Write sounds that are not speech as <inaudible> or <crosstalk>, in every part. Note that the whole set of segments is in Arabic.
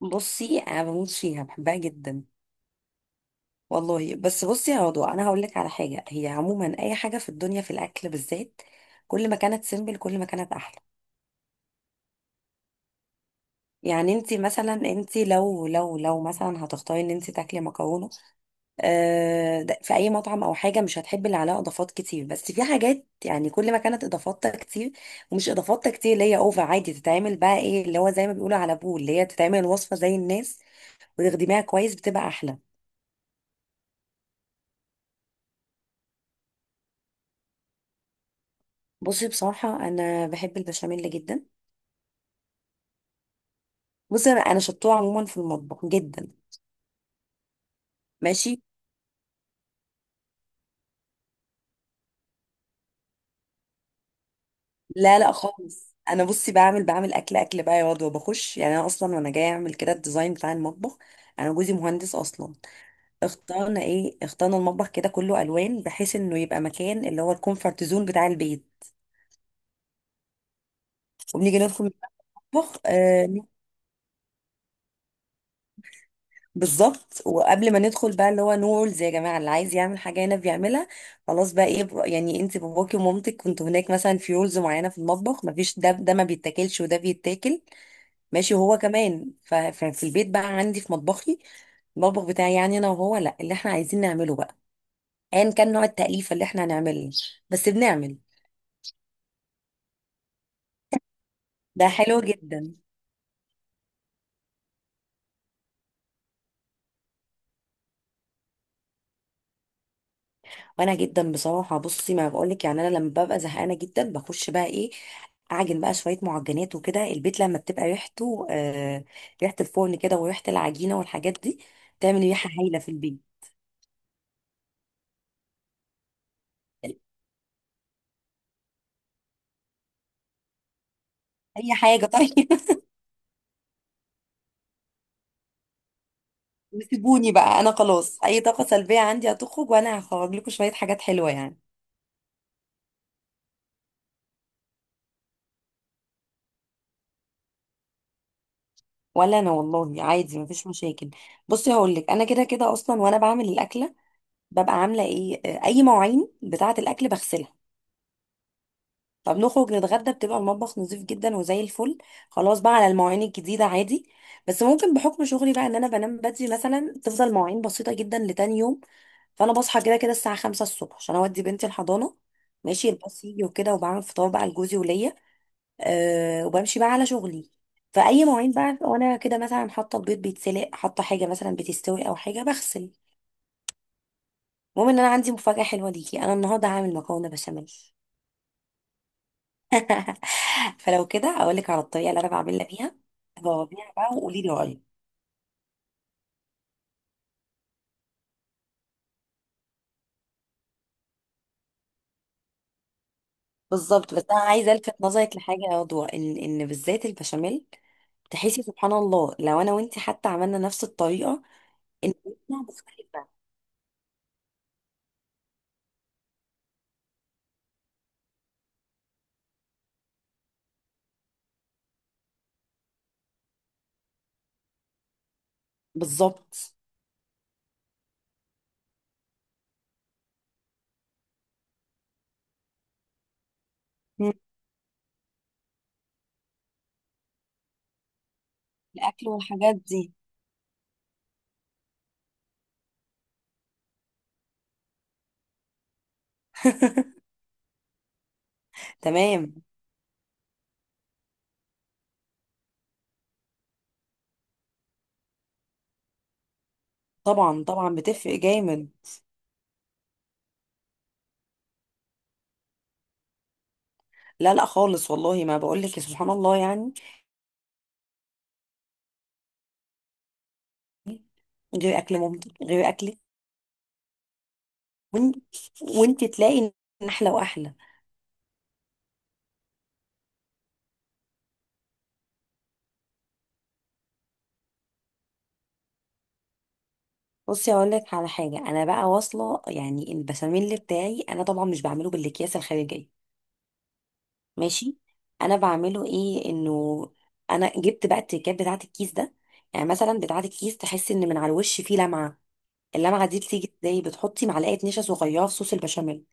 بصي، انا بموت فيها، بحبها جدا والله. بس بصي يا رضوى انا هقول لك على حاجه، هي عموما اي حاجه في الدنيا في الاكل بالذات كل ما كانت سيمبل كل ما كانت احلى. يعني انت مثلا انت لو مثلا هتختاري ان انت تاكلي مكرونه، في اي مطعم او حاجه مش هتحبي اللي عليها اضافات كتير، بس في حاجات، يعني كل ما كانت اضافاتها كتير ومش اضافاتها كتير اللي هي اوفر عادي، تتعمل بقى ايه اللي هو زي ما بيقولوا على بول، اللي هي تتعمل الوصفه زي الناس وتخدميها كويس بتبقى احلى. بصي بصراحة أنا بحب البشاميل جدا. بصي أنا شطوة عموما في المطبخ جدا. ماشي. لا لا خالص، أنا بصي بعمل أكل أكل بقى يا واد، وبخش يعني أنا أصلا وأنا جاية أعمل كده الديزاين بتاع المطبخ. أنا جوزي مهندس أصلا. اخترنا المطبخ كده كله ألوان بحيث إنه يبقى مكان اللي هو الكومفورت زون بتاع البيت. وبنيجي ندخل المطبخ بالظبط. وقبل ما ندخل بقى اللي هو نو رولز يا جماعه، اللي عايز يعمل حاجه هنا بيعملها. خلاص. يعني انت باباكي ومامتك كنتوا هناك مثلا في رولز معينه في المطبخ، مفيش ده ما بيتاكلش وده بيتاكل. ماشي. هو كمان ففي البيت بقى عندي في مطبخي، المطبخ بتاعي يعني انا وهو، لا اللي احنا عايزين نعمله بقى ايا كان نوع التأليفه اللي احنا هنعمله بس بنعمل. ده حلو جدا. وانا جدا بصراحه، بصي ما بقولك، يعني انا لما ببقى زهقانه جدا بخش بقى ايه، اعجن بقى شويه معجنات وكده، البيت لما بتبقى ريحته آه ريحه الفرن كده وريحه العجينه والحاجات دي، تعمل ريحه هايله في البيت. اي حاجه طيب. <laughs> وسيبوني بقى انا خلاص، اي طاقه سلبيه عندي هتخرج وانا هخرج لكم شويه حاجات حلوه يعني. ولا انا والله عادي، مفيش مشاكل. بصي هقول لك، انا كده كده اصلا وانا بعمل الاكله ببقى عامله ايه آه، اي مواعين بتاعه الاكل بغسلها. طب نخرج نتغدى بتبقى المطبخ نظيف جدا وزي الفل. خلاص بقى، على المواعين الجديدة عادي. بس ممكن بحكم شغلي بقى ان انا بنام بدري مثلا، تفضل مواعين بسيطة جدا لتاني يوم. فانا بصحى كده كده الساعة 5 الصبح عشان اودي بنتي الحضانة، ماشي الباص يجي وكده، وبعمل فطار بقى لجوزي وليا، أه وبمشي بقى على شغلي. فأي مواعين بقى وانا كده مثلا حاطة البيض بيتسلق، حاطة حاجة مثلا بتستوي او حاجة بغسل. المهم ان انا عندي مفاجأة حلوة ليكي، انا النهارده هعمل مكرونة بشاميل. فلو كده اقول لك على الطريقه اللي انا بعملها بيها، جاوبيها بقى وقولي لي رايك. بالظبط. بس انا عايزه الفت نظرك لحاجه يا رضوى، ان بالذات البشاميل، تحسي سبحان الله لو انا وانت حتى عملنا نفس الطريقه، ان بيطلع مختلفه. بالظبط. مم. الاكل والحاجات دي. <laughs> تمام. طبعا طبعا بتفرق جامد. لا لا خالص، والله ما بقول لك سبحان الله يعني. غير اكل مامتك غير اكلك. وانت وانت تلاقي ان احلى واحلى. بصي اقول لك على حاجه، انا بقى واصله يعني البشاميل بتاعي انا طبعا مش بعمله بالاكياس الخارجيه. ماشي. انا بعمله انه، انا جبت بقى التركات بتاعه الكيس ده. يعني مثلا بتاعه الكيس تحس ان من على الوش فيه لمعه، اللمعه دي بتيجي ازاي؟ بتحطي معلقه نشا صغيره في صوص البشاميل.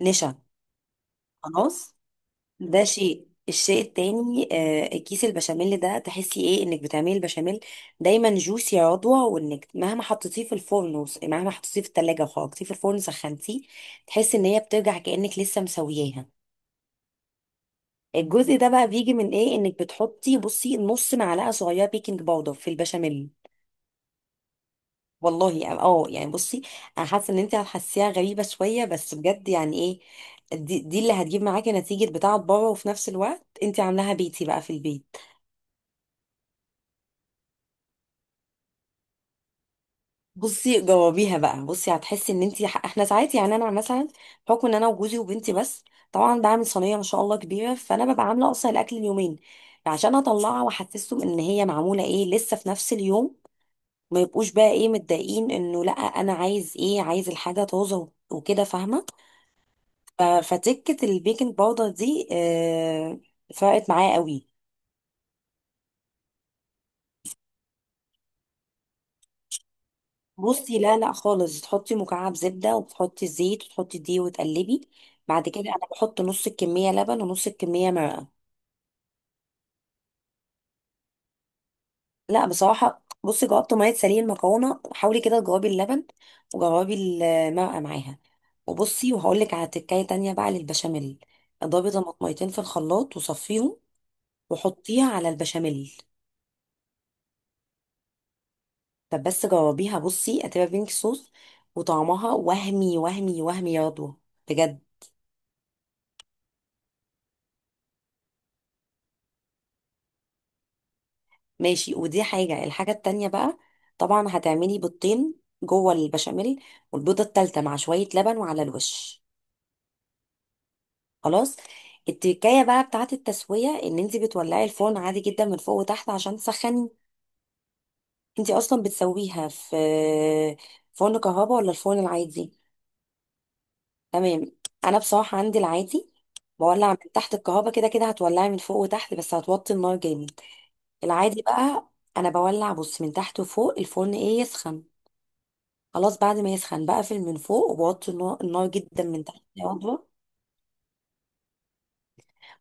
نشا. خلاص. ده الشيء التاني، كيس البشاميل ده، تحسي ايه؟ انك بتعملي البشاميل دايما جوسي يا عضوة، وانك مهما حطيتيه في الفرن مهما حطيتيه في التلاجة وحطيتيه في الفرن سخنتيه، تحسي ان هي بترجع كأنك لسه مسوياها. الجزء ده بقى بيجي من ايه؟ انك بتحطي بصي نص معلقة صغيرة بيكنج باودر في البشاميل. والله يعني، يعني بصي، انا حاسه ان انت هتحسيها غريبه شويه بس بجد يعني ايه، دي اللي هتجيب معاكي نتيجه بتاعه بره، وفي نفس الوقت انت عاملاها بيتي بقى في البيت. بصي جاوبيها بقى، بصي هتحسي ان انت، احنا ساعات يعني انا مثلا بحكم ان انا وجوزي وبنتي بس، طبعا بعمل صينيه ما شاء الله كبيره، فانا ببقى عامله اصلا الاكل اليومين، عشان اطلعها واحسسهم ان هي معموله ايه لسه في نفس اليوم، ما يبقوش بقى ايه متضايقين انه لا انا عايز الحاجه طازه وكده، فاهمه؟ فتكه البيكنج باودر دي فرقت معايا قوي. بصي لا لا خالص، تحطي مكعب زبدة وتحطي الزيت وتحطي دي وتقلبي. بعد كده انا بحط نص الكمية لبن ونص الكمية مرقة. لا بصراحة، بصي جاوبت مية سليق المكرونة، حاولي كده تجاوبي اللبن وجاوبي المرقة معاها. وبصي وهقولك على تكاية تانية بقى للبشاميل، اضربي طماطميتين في الخلاط وصفيهم، وحطيها على البشاميل. طب بس جربيها، بصي هتبقى بينك صوص، وطعمها وهمي وهمي وهمي يا رضوى، بجد. ماشي. ودي الحاجة التانية بقى، طبعا هتعملي بيضتين جوه البشاميل، والبيضة التالتة مع شوية لبن وعلى الوش. خلاص. التكاية بقى بتاعت التسوية، ان انت بتولعي الفرن عادي جدا من فوق وتحت عشان تسخني. انت اصلا بتسويها في فرن كهربا ولا الفرن العادي؟ تمام. انا بصراحة عندي العادي. بولع من تحت، الكهربا كده كده هتولعي من فوق وتحت بس هتوطي النار جامد. العادي بقى انا بولع، بص من تحت وفوق الفرن يسخن، خلاص بعد ما يسخن بقفل من فوق وبوطي النار جدا من تحت يا عضوة.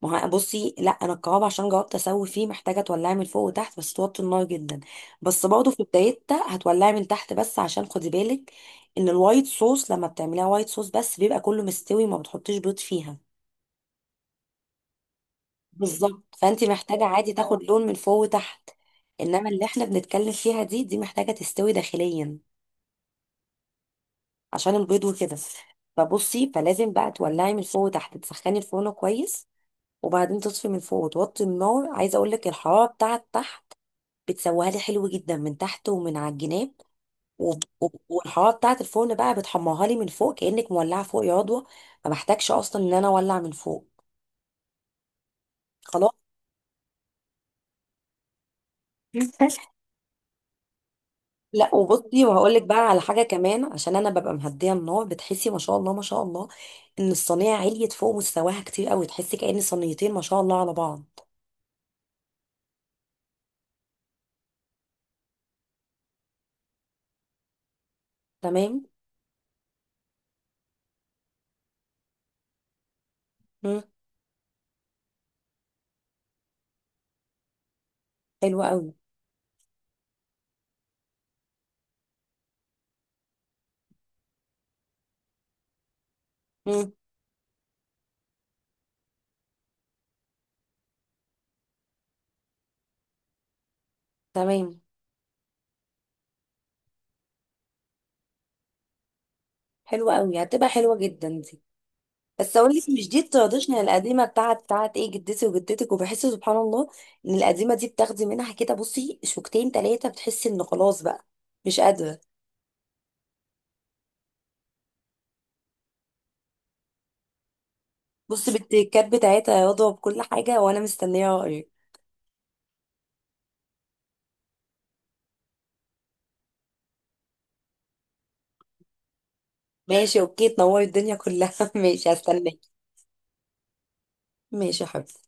ما هو بصي لا، انا الكباب عشان جربت اسوي فيه، محتاجه تولعي من فوق وتحت بس توطي النار جدا. بس برضه في بدايتها هتولعي من تحت بس، عشان خدي بالك ان الوايت صوص لما بتعمليها وايت صوص بس بيبقى كله مستوي، ما بتحطيش بيض فيها. بالظبط. فانت محتاجه عادي تاخد لون من فوق وتحت. انما اللي احنا بنتكلم فيها دي محتاجه تستوي داخليا عشان البيض وكده. فبصي فلازم بقى تولعي من فوق وتحت تسخني الفرن كويس، وبعدين تطفي من فوق وتوطي النار. عايزه اقول لك الحراره بتاعت تحت بتسويها لي حلو جدا من تحت ومن على الجناب، والحراره بتاعت الفرن بقى بتحمرها لي من فوق، كانك مولعه فوق يا عضوه، ما بحتاجش اصلا ان انا اولع من فوق. خلاص. <laughs> لا، وبصي وهقول لك بقى على حاجه كمان، عشان انا ببقى مهديه النار بتحسي ما شاء الله ما شاء الله ان الصينيه عليت فوق مستواها كتير قوي، تحسي كأن صينيتين ما شاء الله على بعض. تمام. مم. حلوه قوي. مم. تمام. حلوه قوي، هتبقى حلوه جدا. بس اقول لك مش دي التراديشنال القديمه بتاعت بتاعت ايه جدتي وجدتك، وبحس سبحان الله ان القديمه دي بتاخدي منها كده بصي شوكتين ثلاثه، بتحسي ان خلاص بقى مش قادره. بصي بالتكات بتاعتها يا رضوى بكل حاجه، وانا مستنيه رايك. ماشي. اوكي، تنوري الدنيا كلها. <laughs> ماشي هستناك. ماشي يا حبيبتي.